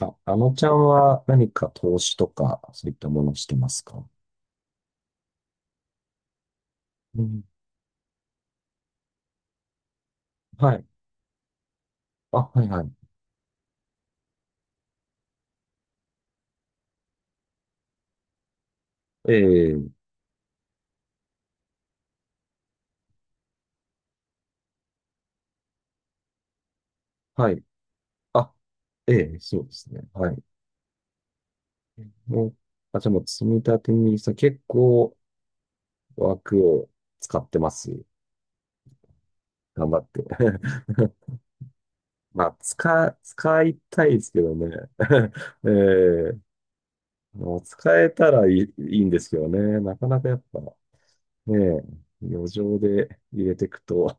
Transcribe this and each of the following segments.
あ、ちゃんは何か投資とか、そういったものをしてますか？うん。はい。あ、はいはい。ええ、はい。あ、ええ、そうですね。はい。もう、あ、じゃあもう積み立てに結構枠を使ってます。頑張って。まあ、使いたいですけどね。ええ、もう使えたらいい、いいんですけどね。なかなかやっぱ、ねえ、余剰で入れていくと、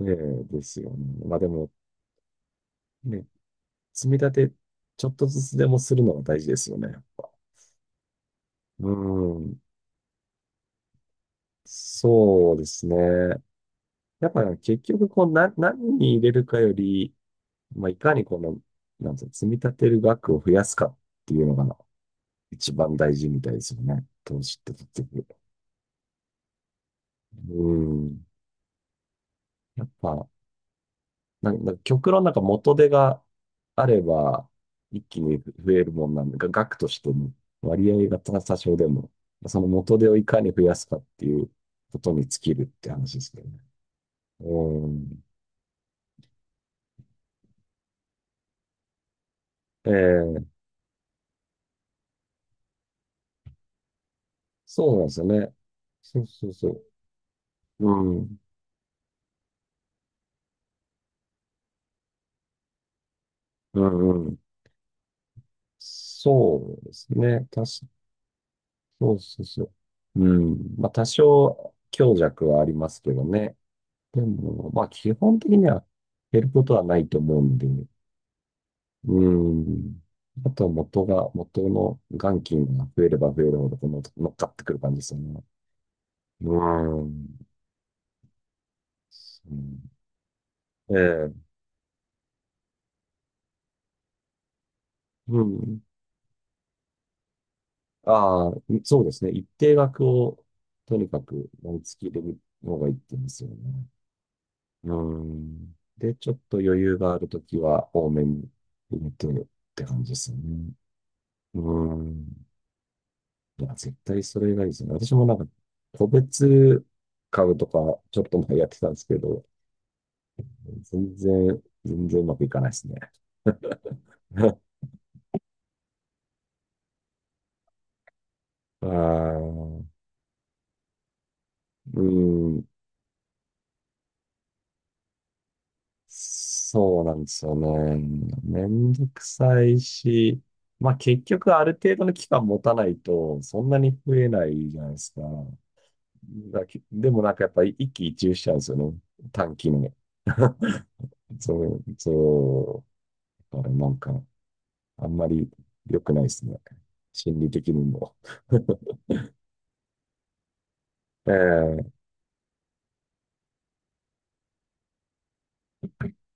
ねえ、ですよね。まあでも、ね、積み立て、ちょっとずつでもするのが大事ですよね、やっぱ。うん。そうですね。やっぱ結局、こう、何に入れるかより、まあ、いかになんていうの積み立てる額を増やすかっていうのが一番大事みたいですよね。投資って結局。うん。やっぱ、なんか極論なんか元手があれば一気に増えるもんなんで、が額としても割合が多少でも、その元手をいかに増やすかっていうことに尽きるって話ですけどね。うん。ええ、そうなんですよね。そうそうそう。うん。うんうん。そうですね。そうそうそう。うん。まあ多少強弱はありますけどね。でも、まあ基本的には減ることはないと思うんで。うん。あとは元の元金が増えれば増えるほど、この乗っかってくる感じですよね。うん。そう、ええ。うん。ああ、そうですね。一定額を、とにかく、毎月入れる方がいいって言うんですよね。うん。で、ちょっと余裕があるときは、多めに入れてって感じですよね。うん。いや、絶対それがいいですね。私もなんか、個別株とか、ちょっと前やってたんですけど、全然うまくいかないですね。あー、うん、そうなんですよね。めんどくさいし、まあ結局ある程度の期間持たないと、そんなに増えないじゃないですか。だけでもなんかやっぱり一喜一憂しちゃうんですよね。短期の。そう、そだからなんか、あんまり良くないですね。心理的にも。ええ、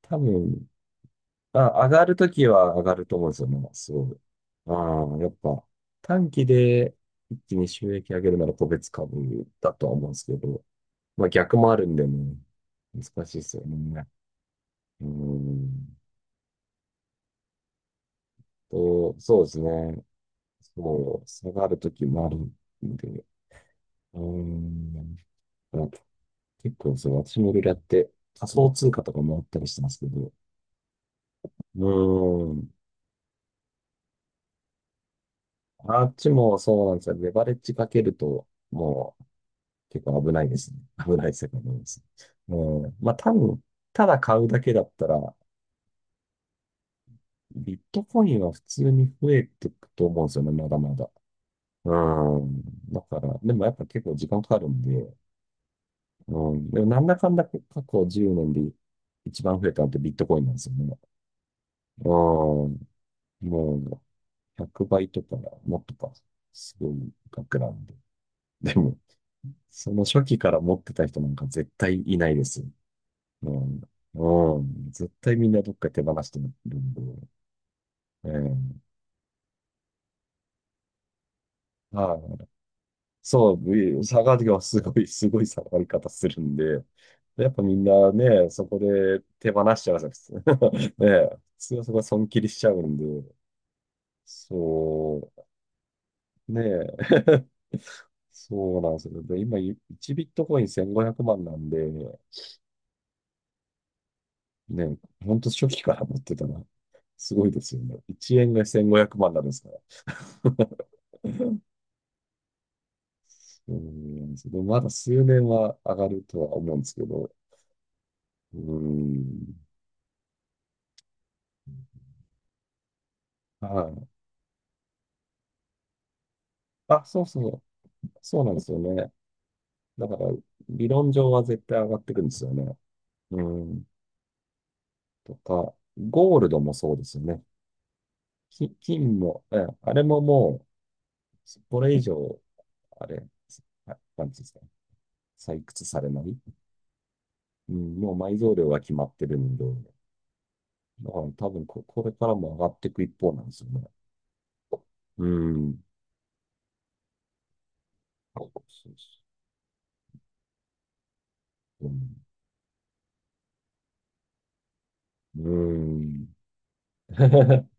多分、あ、上がるときは上がると思うんですよね。すごい。ああ、やっぱ短期で一気に収益上げるなら個別株だとは思うんですけど、まあ逆もあるんでね、難しいですよね。うーんと、そうですね。そう、下がるときもあるんで、うーん、まあ結構そう、私もいろいろやって仮想通貨とかもあったりしてますけど、うーん、あっちもそうなんですよ。レバレッジかけると、もう、結構危ないですね。危ない世界なんです。うん。まあ多分、ただ買うだけだったら、ビットコインは普通に増えていくと思うんですよね、まだまだ。うん。だから、でもやっぱ結構時間かかるんで、うん。でもなんだかんだ過去10年で一番増えたのってビットコインなんですよね。うん。もう100倍とか、もっとか、すごい額なんで。でも、その初期から持ってた人なんか絶対いないですよ。うん。うん。絶対みんなどっか手放してるんで。ええ、はい。そう、下がりがすごい、すごい下がり方するんで、やっぱみんなね、そこで手放しちゃうんです。ねえ、普通はそこは損切りしちゃうんで、そう、ねえ、そうなんですよ。で、今、1ビットコイン1500万なんで、ね、ほんと初期から持ってたら、すごいですよね。1円が1500万なんですから。うん、でもまだ数年は上がるとは思うんですけど、うん、はい。あ、そうそう、そうなんですよね。だから、理論上は絶対上がってくんですよね。うん、とか、ゴールドもそうですよね。き金も、え、あれもこれ以上、あれ、なんていうんですか、採掘されない。うん、もう埋蔵量が決まってるんで、だから多分これからも上がっていく一方なんですよね。うん。そうそうそう、うん、うーん。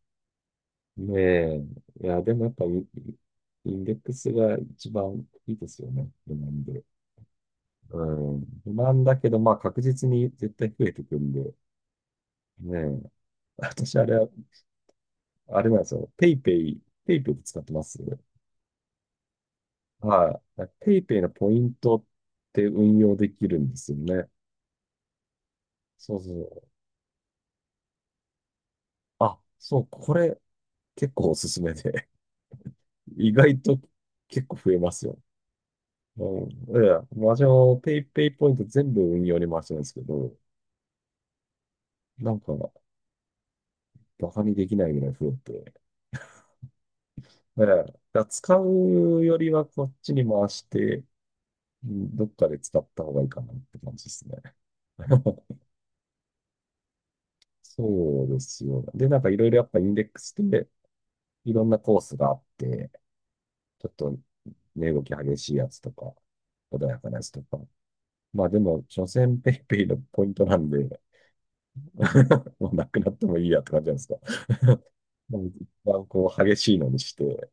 ねえ。いや、でもやっぱインデックスが一番いいですよね。不満で。うん。不満だけど、まあ確実に絶対増えてくんで。ねえ。私あれは、あれなんですよ。ペイペイ、ペイペイで使ってます。はい。ペイペイのポイントって運用できるんですよね。そうそう。あ、そう、これ結構おすすめで。意外と結構増えますよね。うん、いや、私もペイペイポイント全部運用に回してるんですけど、なんか、バカにできないぐらい増えて、ええ、だから使うよりはこっちに回して、うん、どっかで使った方がいいかなって感じですね。そうですよ。で、なんかいろいろやっぱインデックスでいろんなコースがあって、ちょっと値動き激しいやつとか、穏やかなやつとか。まあでも、所詮ペイペイのポイントなんで もうなくなってもいいやって感じなんですか。もう一番こう激しいのにして、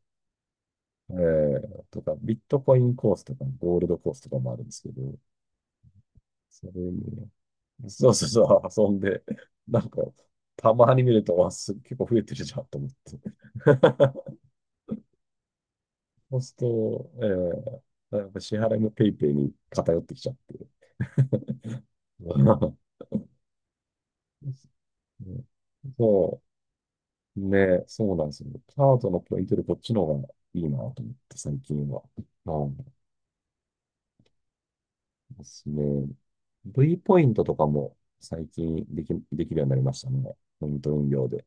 えー、とか、ビットコインコースとか、ゴールドコースとかもあるんですけど、それに、そうそうそう、遊んで、なんか、たまに見ると、結構増えてるじゃんと思って。そうすると、えー、やっぱ支払いもペイペイに偏ってきちゃって。そう、ね、そうなんですよ。カードのポイントでこっちの方がいいなと思って、最近は。うん、ですね。V ポイントとかも最近でき、できるようになりましたね。ポイント運用で。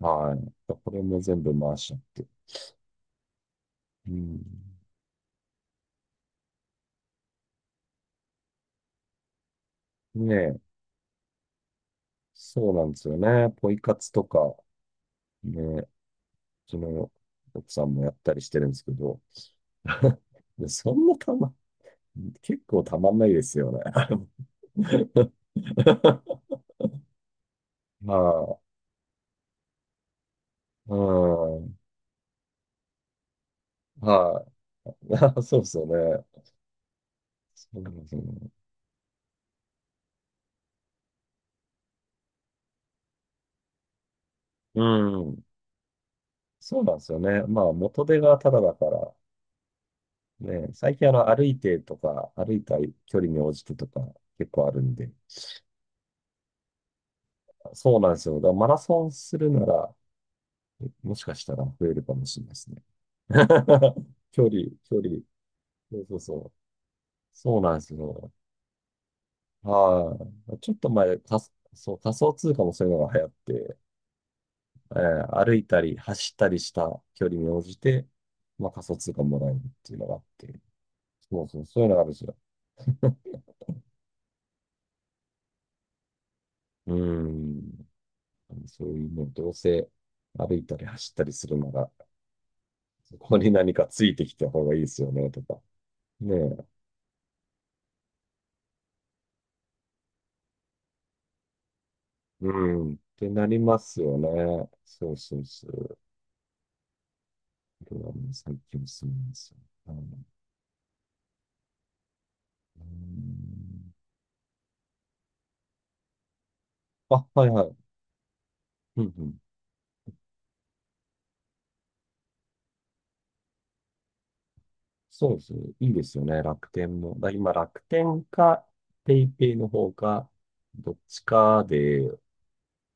はい。これも全部回しちゃって。うん。ねえ、そうなんですよね。ポイ活とか、ね、うちの奥さんもやったりしてるんですけど、でそんなたま、結構たまんないですよね。まあ、うん、はい。そうですよね。そうですよね。うん。そうなんですよね。まあ、元手がタダだから、ね、最近あの、歩いてとか、歩いた距離に応じてとか、結構あるんで。そうなんですよ。だからマラソンするなら、えもしかしたら増えるかもしれないですね。距離、距離。そうそうそう。そうなんですよ。はい。ちょっと前、そう、仮想通貨もそういうのが流行って、えー歩いたり走ったりした距離に応じて、まあ、仮想通貨もらえるっていうのがあって。そうそう、そういうのがあるんですよ。うーん。そういうね、どうせ歩いたり走ったりするなら、そこに何かついてきた方がいいですよね、とか。ねえ、うん、ってなりますよね。そうそうそう。これはもう最近すみません。あの、うん、あ、はいはい。うんうん。そうですね。いいですよね。楽天も。だ今、楽天か、ペイペイの方か、どっちかで、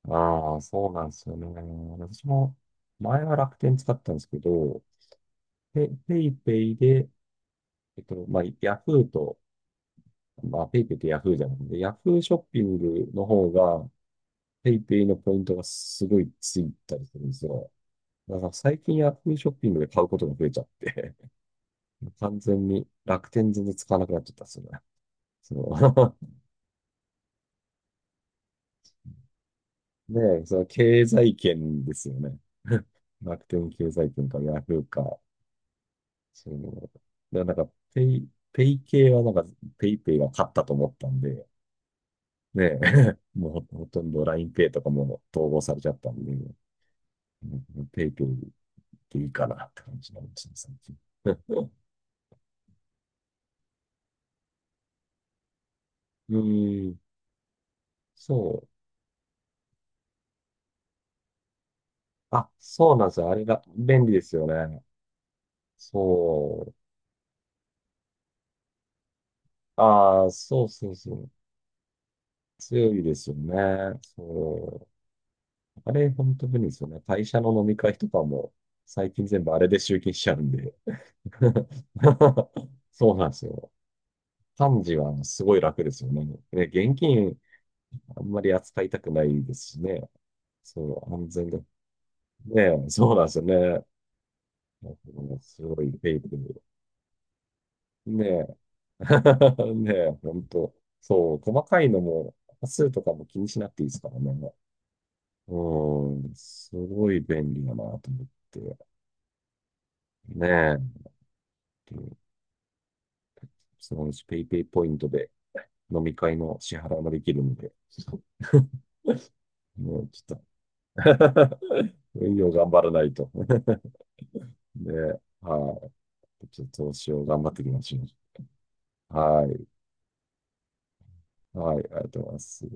ああ、そうなんですよね。私も、前は楽天使ったんですけど、ペイペイで、えっと、まあ、ヤフーと、まあ、ペイペイってヤフーじゃないんで、ヤフーショッピングの方が、ペイペイのポイントがすごいついたりするんですよ。だから最近ヤフーショッピングで買うことが増えちゃって、完全に楽天全然使わなくなっちゃったんですよね。その ねえ、その経済圏ですよね。楽天経済圏かヤフーか、その、だからなんかペイ系はなんかペイペイが勝ったと思ったんで、ねえ、もうほとんど l i n e イとかも統合されちゃったんで、うんペイペイでいいかなって感じになりましたね、最近。うーん、そう。あ、そうなんですよ。あれが便利ですよね。そう。ああ、そうそうそう。強いですよね。そう。あれ、本当便利ですよね。会社の飲み会とかも、最近全部あれで集金しちゃうんで。そうなんですよ。幹事はすごい楽ですよね。ね、現金あんまり扱いたくないですしね。そう、安全が。ねえ、そうなんですよね。すごいフェイクでねえ。ねえ、ほんと。そう、細かいのも、端数とかも気にしなくていいですからね。うん、すごい便利だなと思って。ねえ。そのうちペイペイポイントで飲み会の支払いもできるので。もうちょっと 運用頑張らないと。で、はい。ちょっと投資を頑張っていきましょう。はい。はい。ありがとうございます。